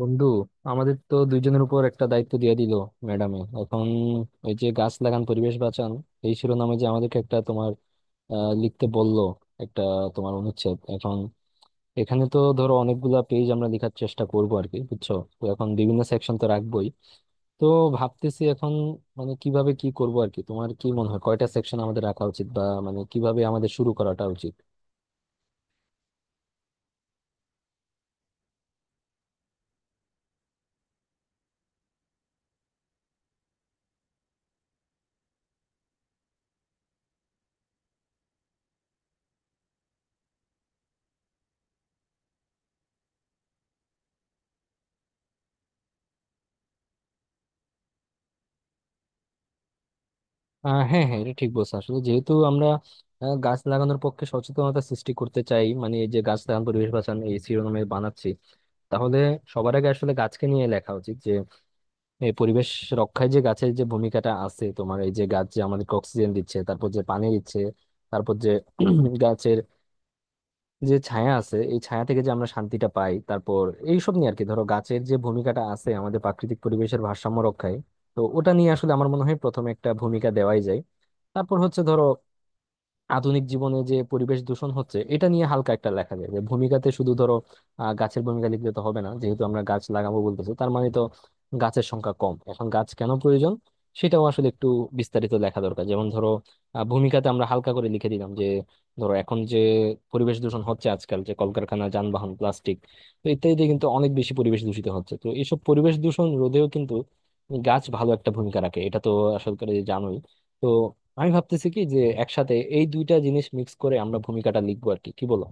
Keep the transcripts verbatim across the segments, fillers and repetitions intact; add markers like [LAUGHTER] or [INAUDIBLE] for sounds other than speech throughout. বন্ধু, আমাদের তো দুইজনের উপর একটা দায়িত্ব দিয়ে দিল ম্যাডামে এখন। ওই যে গাছ লাগান পরিবেশ বাঁচান, এই শিরোনামে যে আমাদেরকে একটা তোমার আহ, লিখতে বলল একটা তোমার অনুচ্ছেদ এখন। এখানে তো ধরো অনেকগুলা পেজ আমরা লেখার চেষ্টা করবো আর কি, বুঝছো? তো এখন বিভিন্ন সেকশন তো রাখবোই। তো ভাবতেছি এখন মানে কিভাবে কি করব আর কি। তোমার কি মনে হয় কয়টা সেকশন আমাদের রাখা উচিত, বা মানে কিভাবে আমাদের শুরু করাটা উচিত? আহ হ্যাঁ, হ্যাঁ, এটা ঠিক বলছো। আসলে যেহেতু আমরা আহ, গাছ লাগানোর পক্ষে সচেতনতা সৃষ্টি করতে চাই, মানে এই যে গাছ লাগান পরিবেশ বাঁচান এই শিরোনামে বানাচ্ছি, তাহলে সবার আগে আসলে গাছকে নিয়ে লেখা উচিত। যে এই পরিবেশ রক্ষায় যে গাছের যে ভূমিকাটা আছে তোমার, এই যে গাছ যে আমাদেরকে অক্সিজেন দিচ্ছে, তারপর যে পানি দিচ্ছে, তারপর যে [CLEARS THROAT] গাছের যে ছায়া আছে, এই ছায়া থেকে যে আমরা শান্তিটা পাই, তারপর এইসব নিয়ে আর কি। ধরো গাছের যে ভূমিকাটা আছে আমাদের প্রাকৃতিক পরিবেশের ভারসাম্য রক্ষায়, তো ওটা নিয়ে আসলে আমার মনে হয় প্রথমে একটা ভূমিকা দেওয়াই যায়। তারপর হচ্ছে ধরো আধুনিক জীবনে যে পরিবেশ দূষণ হচ্ছে, এটা নিয়ে হালকা একটা লেখা যাবে ভূমিকাতে শুধু। ধরো আহ, গাছের ভূমিকা লিখলে তো হবে না, যেহেতু আমরা গাছ লাগাবো বলতেছি, তার মানে তো গাছের সংখ্যা কম এখন, গাছ কেন প্রয়োজন সেটাও আসলে একটু বিস্তারিত লেখা দরকার। যেমন ধরো আহ, ভূমিকাতে আমরা হালকা করে লিখে দিলাম যে ধরো এখন যে পরিবেশ দূষণ হচ্ছে আজকাল, যে কলকারখানা, যানবাহন, প্লাস্টিক, তো ইত্যাদিতে কিন্তু অনেক বেশি পরিবেশ দূষিত হচ্ছে। তো এইসব পরিবেশ দূষণ রোধেও কিন্তু গাছ ভালো একটা ভূমিকা রাখে, এটা তো আসলে জানোই। তো আমি ভাবতেছি কি, যে একসাথে এই দুইটা জিনিস মিক্স করে আমরা ভূমিকাটা লিখবো আর কি, কি বলো?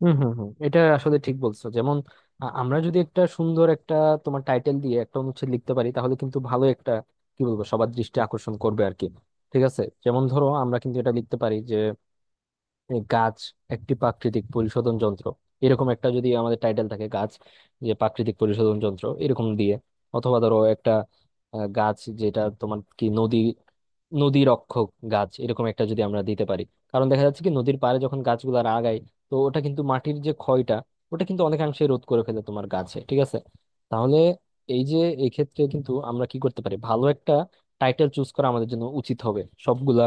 হুম, হুম, হুম, এটা আসলে ঠিক বলছো। যেমন আ- আমরা যদি একটা সুন্দর একটা তোমার টাইটেল দিয়ে একটা অনুচ্ছেদ লিখতে পারি, তাহলে কিন্তু ভালো একটা কি বলবো, সবার দৃষ্টি আকর্ষণ করবে আর কি। ঠিক আছে, যেমন ধরো আমরা কিন্তু এটা লিখতে পারি, এই গাছ একটি প্রাকৃতিক পরিশোধন যন্ত্র, এরকম একটা যদি আমাদের টাইটেল থাকে, গাছ যে প্রাকৃতিক পরিশোধন যন্ত্র এরকম দিয়ে। অথবা ধরো একটা আহ, গাছ, যেটা তোমার কি, নদী, নদী রক্ষক গাছ, এরকম একটা যদি আমরা দিতে পারি। কারণ দেখা যাচ্ছে কি নদীর পাড়ে যখন গাছগুলো আগায়, তো ওটা কিন্তু মাটির যে ক্ষয়টা, ওটা কিন্তু অনেকাংশে রোধ করে ফেলে তোমার গাছে, ঠিক আছে? তাহলে এই যে, এই ক্ষেত্রে কিন্তু আমরা কি করতে পারি, ভালো একটা টাইটেল চুজ করা আমাদের জন্য উচিত হবে সবগুলা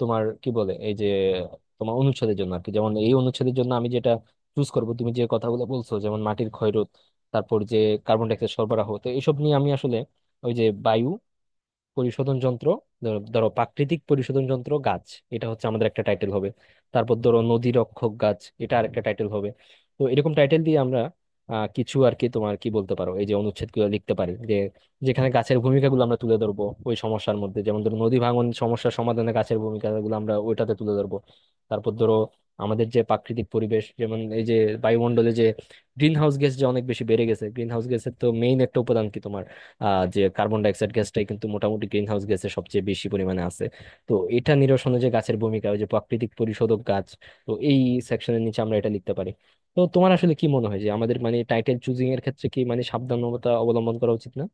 তোমার কি বলে এই যে তোমার অনুচ্ছেদের জন্য আর কি। যেমন এই অনুচ্ছেদের জন্য আমি যেটা চুজ করব, তুমি যে কথাগুলো বলছো, যেমন মাটির ক্ষয়রোধ, তারপর যে কার্বন ডাই অক্সাইড সরবরাহ, তো এইসব নিয়ে আমি আসলে, ওই যে বায়ু পরিশোধন যন্ত্র, ধরো ধরো প্রাকৃতিক পরিশোধন যন্ত্র গাছ, এটা হচ্ছে আমাদের একটা টাইটেল হবে। তারপর ধরো নদী রক্ষক গাছ, এটা আরেকটা টাইটেল হবে। তো এরকম টাইটেল দিয়ে আমরা আহ, কিছু আর কি তোমার কি বলতে পারো, এই যে অনুচ্ছেদগুলো লিখতে পারি, যে যেখানে গাছের ভূমিকাগুলো আমরা তুলে ধরবো ওই সমস্যার মধ্যে। যেমন ধরো নদী ভাঙন সমস্যার সমাধানে গাছের ভূমিকাগুলো আমরা ওইটাতে তুলে ধরবো। তারপর ধরো আমাদের যে প্রাকৃতিক পরিবেশ, যেমন এই যে বায়ুমণ্ডলে যে গ্রিন হাউস গ্যাস যে অনেক বেশি বেড়ে গেছে, গ্রিন হাউস গ্যাসের তো মেইন একটা উপাদান কি তোমার, আহ, যে কার্বন ডাইঅক্সাইড গ্যাসটাই কিন্তু মোটামুটি গ্রিন হাউস গ্যাসের সবচেয়ে বেশি পরিমাণে আছে। তো এটা নিরসনে যে গাছের ভূমিকা, ওই যে প্রাকৃতিক পরিশোধক গাছ, তো এই সেকশনের নিচে আমরা এটা লিখতে পারি। তো তোমার আসলে কি মনে হয়, যে আমাদের মানে টাইটেল চুজিং এর ক্ষেত্রে কি মানে সাবধানতা অবলম্বন করা উচিত না?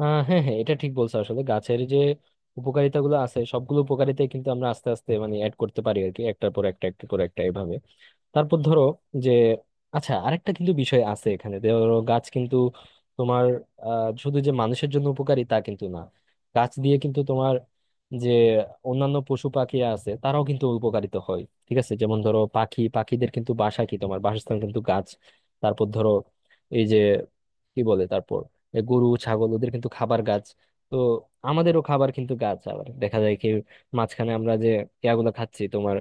আহ হ্যাঁ, হ্যাঁ, এটা ঠিক বলছো। আসলে গাছের যে উপকারিতা গুলো আছে, সবগুলো উপকারিতাই কিন্তু আমরা আস্তে আস্তে মানে অ্যাড করতে পারি আর কি, একটার পর একটা, একটার পর একটা, এভাবে। তারপর ধরো যে, আচ্ছা আরেকটা কিন্তু বিষয় আছে এখানে। ধরো গাছ কিন্তু তোমার আহ শুধু যে মানুষের জন্য উপকারী তা কিন্তু না। গাছ দিয়ে কিন্তু তোমার যে অন্যান্য পশু পাখি আছে, তারাও কিন্তু উপকারিত হয়, ঠিক আছে? যেমন ধরো পাখি, পাখিদের কিন্তু বাসা কি তোমার, বাসস্থান কিন্তু গাছ। তারপর ধরো এই যে কি বলে, তারপর এ গরু ছাগল, ওদের কিন্তু খাবার গাছ। তো আমাদেরও খাবার কিন্তু গাছ। আবার দেখা যায় কি, মাঝখানে আমরা যে ইয়াগুলো খাচ্ছি তোমার,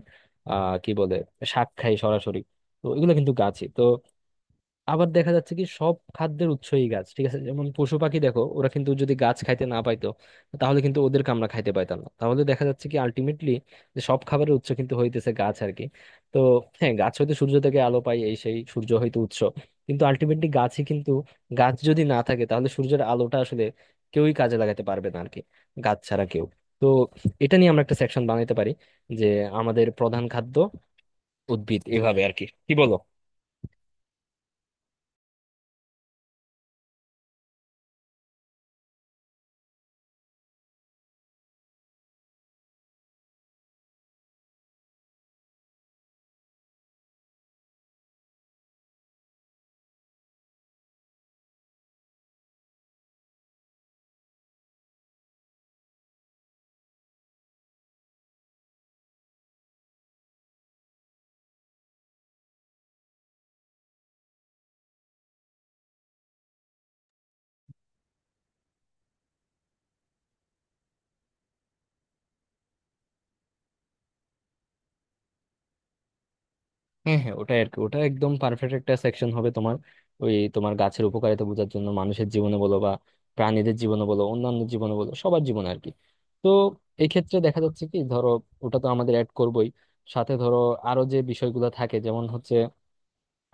আহ কি বলে, শাক খাই সরাসরি, তো এগুলো কিন্তু গাছই তো। আবার দেখা যাচ্ছে কি সব খাদ্যের উৎসই গাছ, ঠিক আছে? যেমন পশু পাখি দেখো, ওরা কিন্তু যদি গাছ খাইতে না পাইতো, তাহলে কিন্তু ওদেরকে আমরা খাইতে পাইতাম না। তাহলে দেখা যাচ্ছে কি আলটিমেটলি যে সব খাবারের উৎস কিন্তু হইতেছে গাছ আর কি। তো হ্যাঁ, গাছ হইতে, সূর্য থেকে আলো পাই, এই সেই, সূর্য হইতে উৎস কিন্তু আলটিমেটলি গাছই কিন্তু। গাছ যদি না থাকে তাহলে সূর্যের আলোটা আসলে কেউই কাজে লাগাতে পারবে না আর কি, গাছ ছাড়া কেউ। তো এটা নিয়ে আমরা একটা সেকশন বানাইতে পারি যে আমাদের প্রধান খাদ্য উদ্ভিদ, এভাবে আর কি, কি বলো? হ্যাঁ, হ্যাঁ, ওটাই আর কি, ওটা একদম পারফেক্ট একটা সেকশন হবে তোমার। ওই তোমার গাছের উপকারিতা বোঝার জন্য, মানুষের জীবনে বলো বা প্রাণীদের জীবনে বলো, অন্যান্য জীবনে বলো, সবার জীবনে আর কি। তো এই ক্ষেত্রে দেখা যাচ্ছে কি ধরো, ওটা তো আমাদের অ্যাড করবোই, সাথে ধরো আরো যে বিষয়গুলো থাকে, যেমন হচ্ছে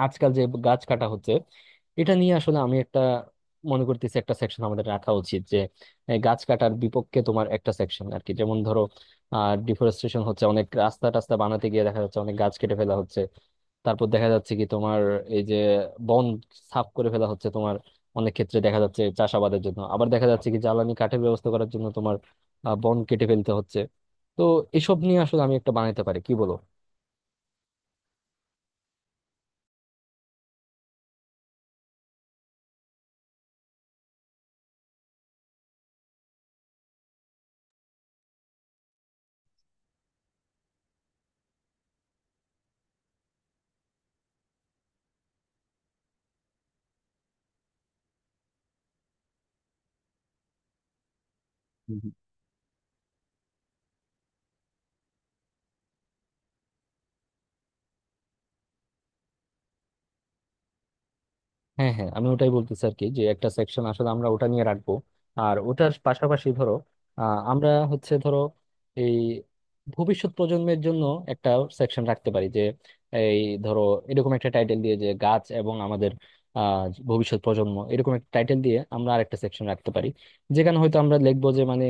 আজকাল যে গাছ কাটা হচ্ছে, এটা নিয়ে আসলে আমি একটা মনে করতেছি একটা সেকশন আমাদের রাখা উচিত, যে এই গাছ কাটার বিপক্ষে তোমার একটা সেকশন আর কি। যেমন ধরো আহ ডিফরেস্টেশন হচ্ছে, অনেক রাস্তা টাস্তা বানাতে গিয়ে দেখা যাচ্ছে অনেক গাছ কেটে ফেলা হচ্ছে। তারপর দেখা যাচ্ছে কি তোমার এই যে বন সাফ করে ফেলা হচ্ছে তোমার, অনেক ক্ষেত্রে দেখা যাচ্ছে চাষাবাদের জন্য, আবার দেখা যাচ্ছে কি জ্বালানি কাঠের ব্যবস্থা করার জন্য তোমার, আহ, বন কেটে ফেলতে হচ্ছে। তো এসব নিয়ে আসলে আমি একটা বানাইতে পারি, কি বলো? হ্যাঁ, হ্যাঁ, আমি ওটাই বলতেছি আর কি, যে একটা সেকশন আসলে আমরা ওটা নিয়ে রাখবো। আর ওটার পাশাপাশি ধরো আহ, আমরা হচ্ছে ধরো এই ভবিষ্যৎ প্রজন্মের জন্য একটা সেকশন রাখতে পারি, যে এই ধরো এরকম একটা টাইটেল দিয়ে, যে গাছ এবং আমাদের আহ ভবিষ্যৎ প্রজন্ম, এরকম একটা টাইটেল দিয়ে আমরা আরেকটা সেকশন রাখতে পারি, যেখানে হয়তো আমরা লিখবো যে মানে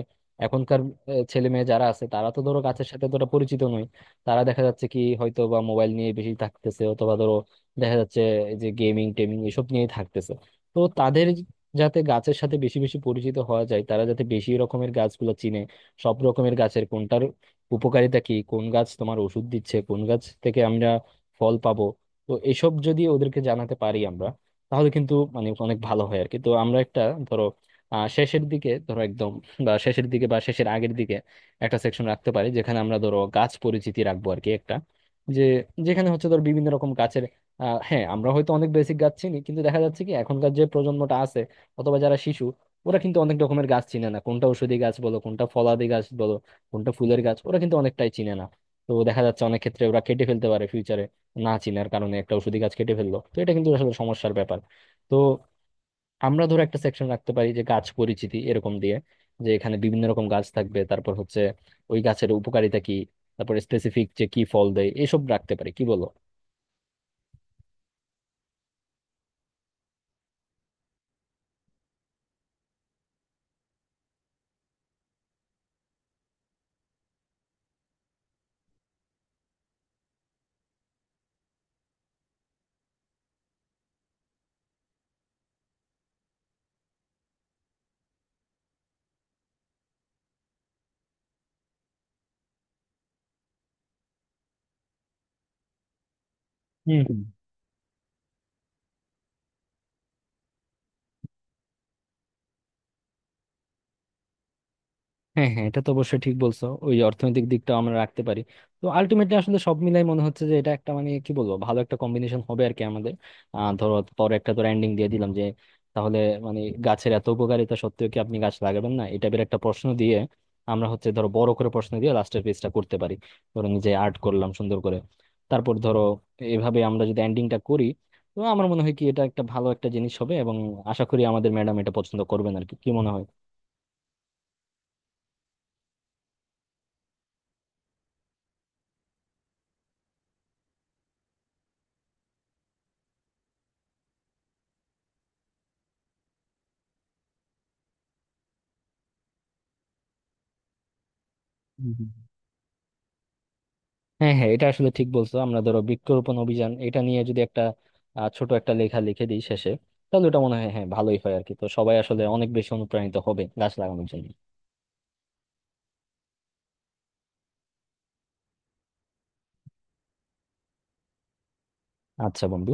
এখনকার আহ, ছেলে মেয়ে যারা আছে, তারা তো ধরো গাছের সাথে তোরা পরিচিত নয়। তারা দেখা যাচ্ছে কি হয়তো বা মোবাইল নিয়ে বেশি থাকতেছে, অথবা ধরো দেখা যাচ্ছে এই যে গেমিং টেমিং এসব নিয়েই থাকতেছে। তো তাদের যাতে গাছের সাথে বেশি বেশি পরিচিত হওয়া যায়, তারা যাতে বেশি রকমের গাছগুলো চিনে, সব রকমের গাছের কোনটার উপকারিতা কি, কোন গাছ তোমার ওষুধ দিচ্ছে, কোন গাছ থেকে আমরা ফল পাবো, তো এসব যদি ওদেরকে জানাতে পারি আমরা, তাহলে কিন্তু মানে অনেক ভালো হয় আর কি। তো আমরা একটা ধরো আহ শেষের দিকে ধরো একদম, বা শেষের দিকে বা শেষের আগের দিকে, একটা সেকশন রাখতে পারি যেখানে আমরা ধরো গাছ পরিচিতি রাখবো আর কি, একটা যে যেখানে হচ্ছে ধর বিভিন্ন রকম গাছের, আহ হ্যাঁ, আমরা হয়তো অনেক বেসিক গাছ চিনি, কিন্তু দেখা যাচ্ছে কি এখনকার যে প্রজন্মটা আছে, অথবা যারা শিশু, ওরা কিন্তু অনেক রকমের গাছ চিনে না। কোনটা ঔষধি গাছ বলো, কোনটা ফলাদি গাছ বলো, কোনটা ফুলের গাছ, ওরা কিন্তু অনেকটাই চিনে না। তো দেখা যাচ্ছে অনেক ক্ষেত্রে ওরা কেটে ফেলতে পারে ফিউচারে, না চিনার কারণে একটা ঔষধি গাছ কেটে ফেললো, তো এটা কিন্তু আসলে সমস্যার ব্যাপার। তো আমরা ধরো একটা সেকশন রাখতে পারি, যে গাছ পরিচিতি এরকম দিয়ে, যে এখানে বিভিন্ন রকম গাছ থাকবে, তারপর হচ্ছে ওই গাছের উপকারিতা কি, তারপরে স্পেসিফিক যে কি ফল দেয়, এসব রাখতে পারি, কি বলো? হ্যাঁ, হ্যাঁ, এটা তো অবশ্যই ঠিক বলছো, ওই অর্থনৈতিক দিকটাও আমরা রাখতে পারি। তো আলটিমেটলি আসলে সব মিলাই মনে হচ্ছে যে এটা একটা মানে কি বলবো, ভালো একটা কম্বিনেশন হবে আর কি আমাদের। আহ ধরো পরে একটা ধরো এন্ডিং দিয়ে দিলাম, যে তাহলে মানে গাছের এত উপকারিতা সত্ত্বেও কি আপনি গাছ লাগাবেন না, এই টাইপের একটা প্রশ্ন দিয়ে, আমরা হচ্ছে ধরো বড় করে প্রশ্ন দিয়ে লাস্টের পেজটা করতে পারি। ধরো নিজে আর্ট করলাম সুন্দর করে, তারপর ধরো এভাবে আমরা যদি এন্ডিংটা করি, তো আমার মনে হয় কি এটা একটা ভালো একটা জিনিস হবে, এবং আশা করি আমাদের ম্যাডাম এটা পছন্দ করবেন আর কি, কি মনে হয়? হ্যাঁ, হ্যাঁ, এটা আসলে ঠিক বলছো। আমরা ধরো বৃক্ষরোপণ অভিযান এটা নিয়ে যদি একটা আহ, ছোট একটা লেখা লিখে দিই শেষে, তাহলে ওটা মনে হয় হ্যাঁ ভালোই হয় আর কি। তো সবাই আসলে অনেক বেশি অনুপ্রাণিত হবে গাছ লাগানোর জন্য। আচ্ছা বন্ধু।